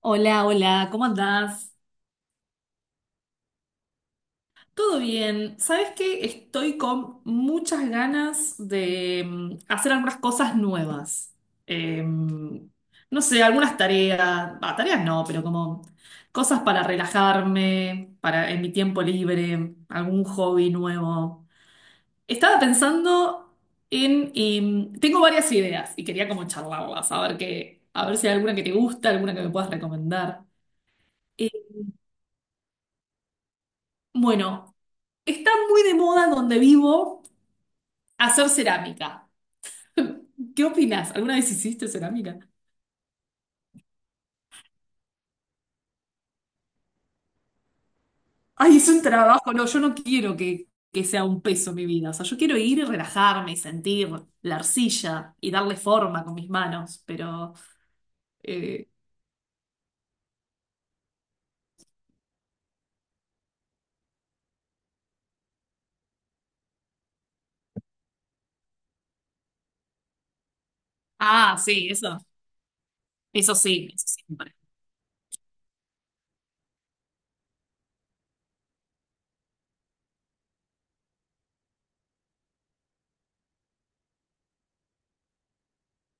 Hola, hola, ¿cómo andás? ¿Todo bien? ¿Sabes qué? Estoy con muchas ganas de hacer algunas cosas nuevas. No sé, algunas tareas, bah, tareas no, pero como cosas para relajarme, para en mi tiempo libre, algún hobby nuevo. Estaba pensando en, tengo varias ideas y quería como charlarlas, a ver qué, a ver si hay alguna que te gusta, alguna que me puedas recomendar. Eh, bueno. Está muy de moda donde vivo hacer cerámica. ¿Qué opinas? ¿Alguna vez hiciste cerámica? Ay, es un trabajo. No, yo no quiero que sea un peso mi vida. O sea, yo quiero ir y relajarme y sentir la arcilla y darle forma con mis manos. Pero. eh, Ah, sí, eso. Eso sí, eso siempre.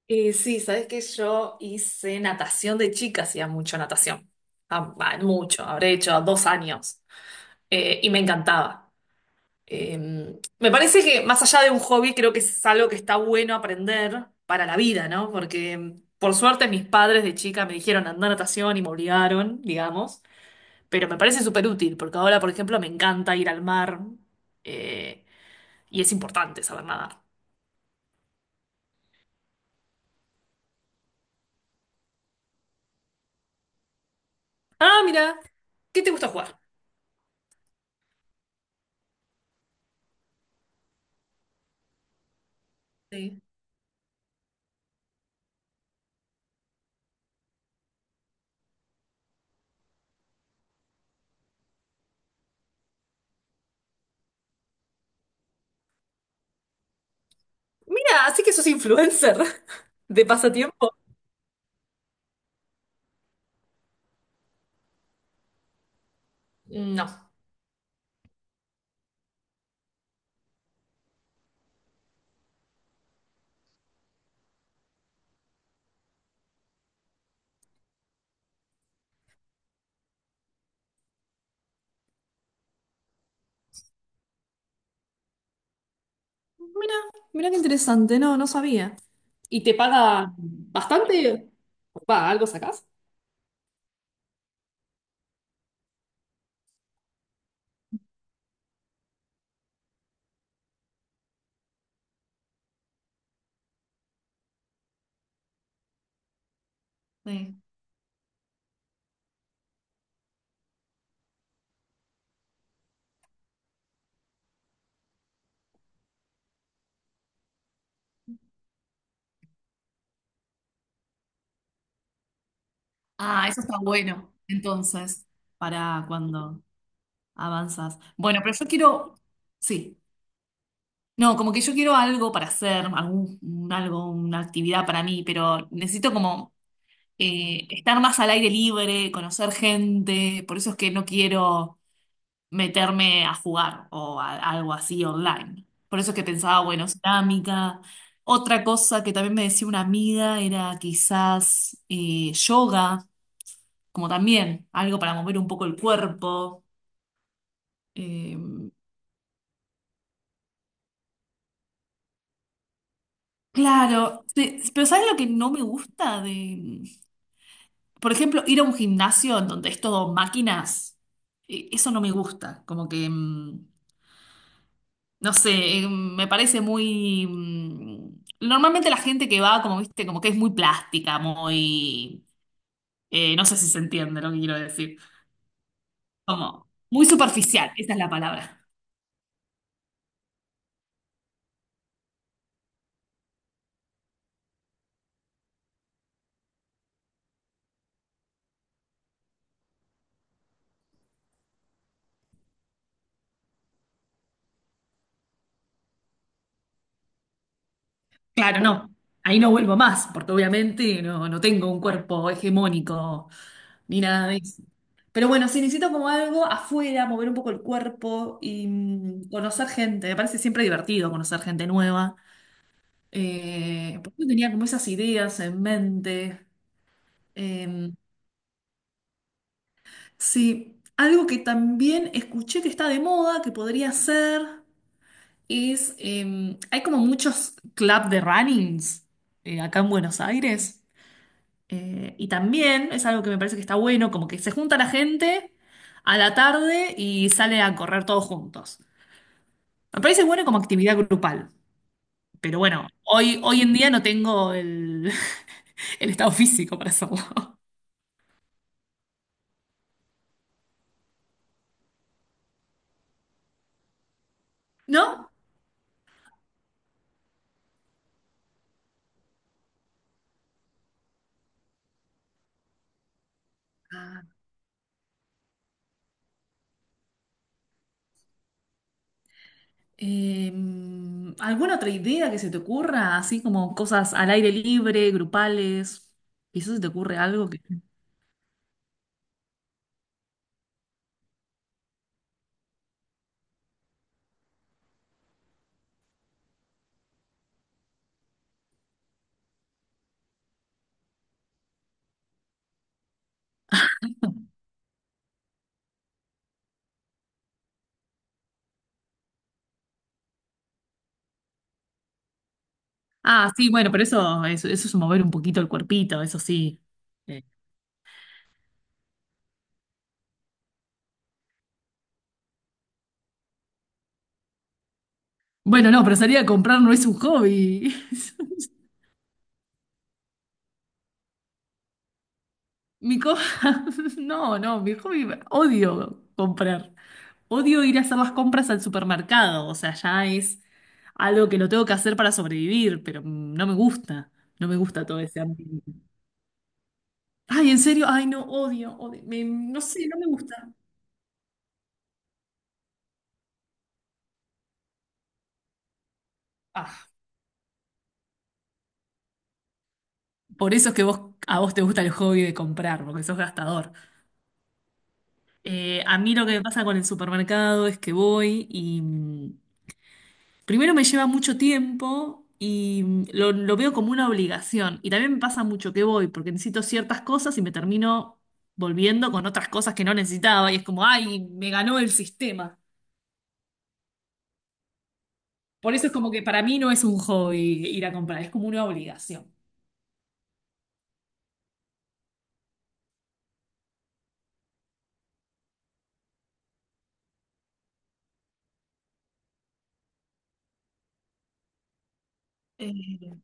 Sí, sabes que yo hice natación de chica, hacía mucho natación. Mucho, habré hecho 2 años. Y me encantaba. Eh, Me parece que más allá de un hobby, creo que es algo que está bueno aprender para la vida, ¿no? Porque por suerte mis padres de chica me dijeron andar a natación y me obligaron, digamos, pero me parece súper útil, porque ahora, por ejemplo, me encanta ir al mar eh, y es importante saber nadar. Ah, mira, ¿qué te gusta jugar? Sí. Mira, así que sos influencer de pasatiempo. No, mira, mira qué interesante, no, no sabía. ¿Y te paga bastante? Va, ¿algo sacás? Sí. Ah, eso está bueno. Entonces, para cuando avanzas. Bueno, pero yo quiero, sí. No, como que yo quiero algo para hacer, algún, un algo, una actividad para mí, pero necesito como estar más al aire libre, conocer gente. Por eso es que no quiero meterme a jugar o a- algo así online. Por eso es que pensaba, bueno, cerámica. Otra cosa que también me decía una amiga era quizás yoga. Como también algo para mover un poco el cuerpo. Eh, claro, sí, pero ¿sabes lo que no me gusta de, por ejemplo, ir a un gimnasio en donde es todo máquinas? Eso no me gusta, como que, no sé, me parece muy normalmente la gente que va, como viste, como que es muy plástica, muy... no sé si se entiende lo que quiero decir. Como muy superficial, esa es la palabra. Claro, no. Ahí no vuelvo más, porque obviamente no, no tengo un cuerpo hegemónico ni nada de eso. Pero bueno, sí necesito como algo afuera, mover un poco el cuerpo y conocer gente. Me parece siempre divertido conocer gente nueva. Porque yo tenía como esas ideas en mente. Eh, sí, algo que también escuché que está de moda, que podría ser, es, hay como muchos club de runnings acá en Buenos Aires. Y también es algo que me parece que está bueno, como que se junta la gente a la tarde y sale a correr todos juntos. Me parece bueno como actividad grupal, pero bueno, hoy en día no tengo el, el estado físico para hacerlo. ¿No? Ah, ¿alguna otra idea que se te ocurra? Así como cosas al aire libre, grupales. Quizás se te ocurre algo que... Ah, sí, bueno, pero eso es mover un poquito el cuerpito, eso sí. Eh, Bueno, no, pero salir a comprar no es un hobby. Mi co- No, no, mi hobby, odio comprar. Odio ir a hacer las compras al supermercado. O sea, ya es algo que lo tengo que hacer para sobrevivir, pero no me gusta. No me gusta todo ese ambiente. Ay, en serio, ay, no, odio, odio. Me- no sé, no me gusta. Ah, por eso es que vos, a vos te gusta el hobby de comprar, porque sos gastador. A mí lo que me pasa con el supermercado es que voy y. Primero me lleva mucho tiempo y lo veo como una obligación. Y también me pasa mucho que voy porque necesito ciertas cosas y me termino volviendo con otras cosas que no necesitaba. Y es como, ay, me ganó el sistema. Por eso es como que para mí no es un hobby ir a comprar, es como una obligación. Eh,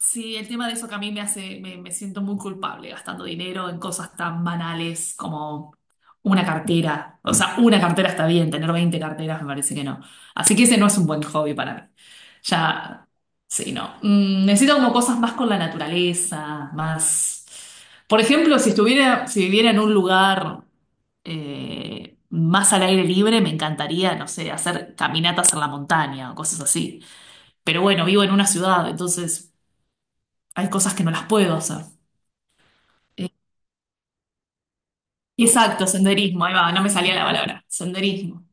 Sí, el tema de eso que a mí me hace, me siento muy culpable gastando dinero en cosas tan banales como una cartera. O sea, una cartera está bien, tener 20 carteras me parece que no. Así que ese no es un buen hobby para mí. Ya, sí, no. Necesito como cosas más con la naturaleza, más... Por ejemplo, si estuviera, si viviera en un lugar más al aire libre, me encantaría, no sé, hacer caminatas en la montaña o cosas así. Pero bueno, vivo en una ciudad, entonces hay cosas que no las puedo hacer. Eh, exacto, senderismo, ahí va, no me salía la palabra, senderismo.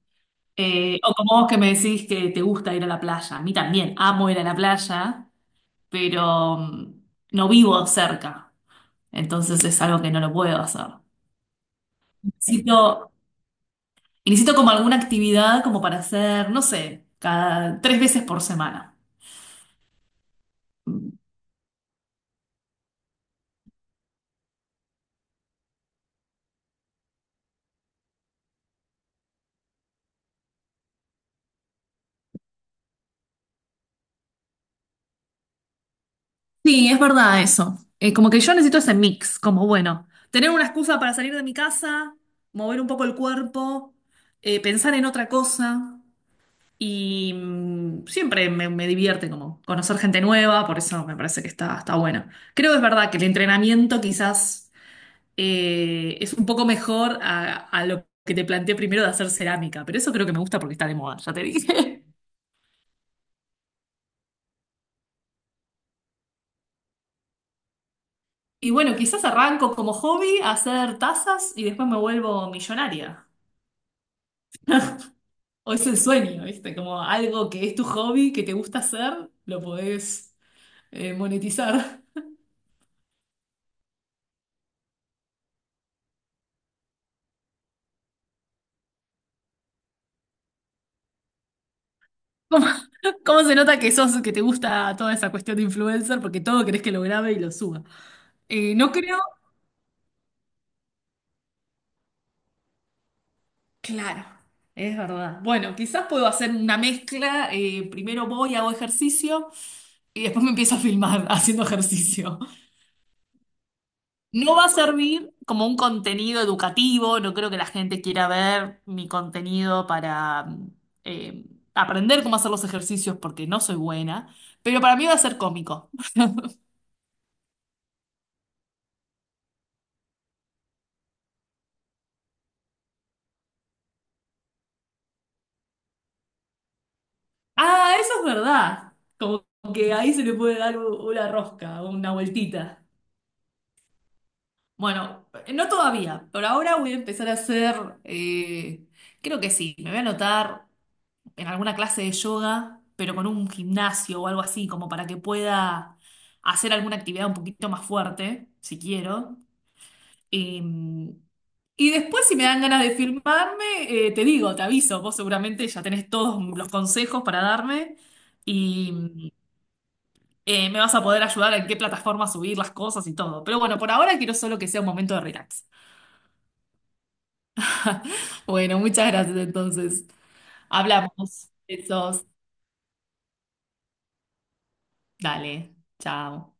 O como vos que me decís que te gusta ir a la playa, a mí también, amo ir a la playa, pero no vivo cerca, entonces es algo que no lo puedo hacer. Necesito, y necesito como alguna actividad como para hacer, no sé, cada tres veces por semana. Sí, es verdad eso. Como que yo necesito ese mix, como bueno, tener una excusa para salir de mi casa, mover un poco el cuerpo, pensar en otra cosa y siempre me, me divierte como conocer gente nueva, por eso me parece que está, está bueno. Creo que es verdad que el entrenamiento quizás es un poco mejor a lo que te planteé primero de hacer cerámica, pero eso creo que me gusta porque está de moda, ya te dije. Y bueno, quizás arranco como hobby a hacer tazas y después me vuelvo millonaria. O es el sueño, ¿viste? Como algo que es tu hobby, que te gusta hacer, lo podés monetizar. ¿Cómo, cómo se nota que sos, que te gusta toda esa cuestión de influencer? Porque todo querés que lo grabe y lo suba. No creo. Claro, es verdad. Bueno, quizás puedo hacer una mezcla. Primero voy, hago ejercicio y después me empiezo a filmar haciendo ejercicio. No va a servir como un contenido educativo, no creo que la gente quiera ver mi contenido para eh, aprender cómo hacer los ejercicios porque no soy buena, pero para mí va a ser cómico. Ah, eso es verdad. Como que ahí se le puede dar u- una rosca, una vueltita. Bueno, no todavía, pero ahora voy a empezar a hacer, creo que sí, me voy a anotar en alguna clase de yoga, pero con un gimnasio o algo así, como para que pueda hacer alguna actividad un poquito más fuerte, si quiero. Em, y después, si me dan ganas de filmarme, te digo, te aviso, vos seguramente ya tenés todos los consejos para darme y me vas a poder ayudar en qué plataforma subir las cosas y todo. Pero bueno, por ahora quiero solo que sea un momento de relax. Bueno, muchas gracias entonces. Hablamos. Besos. Dale. Chao.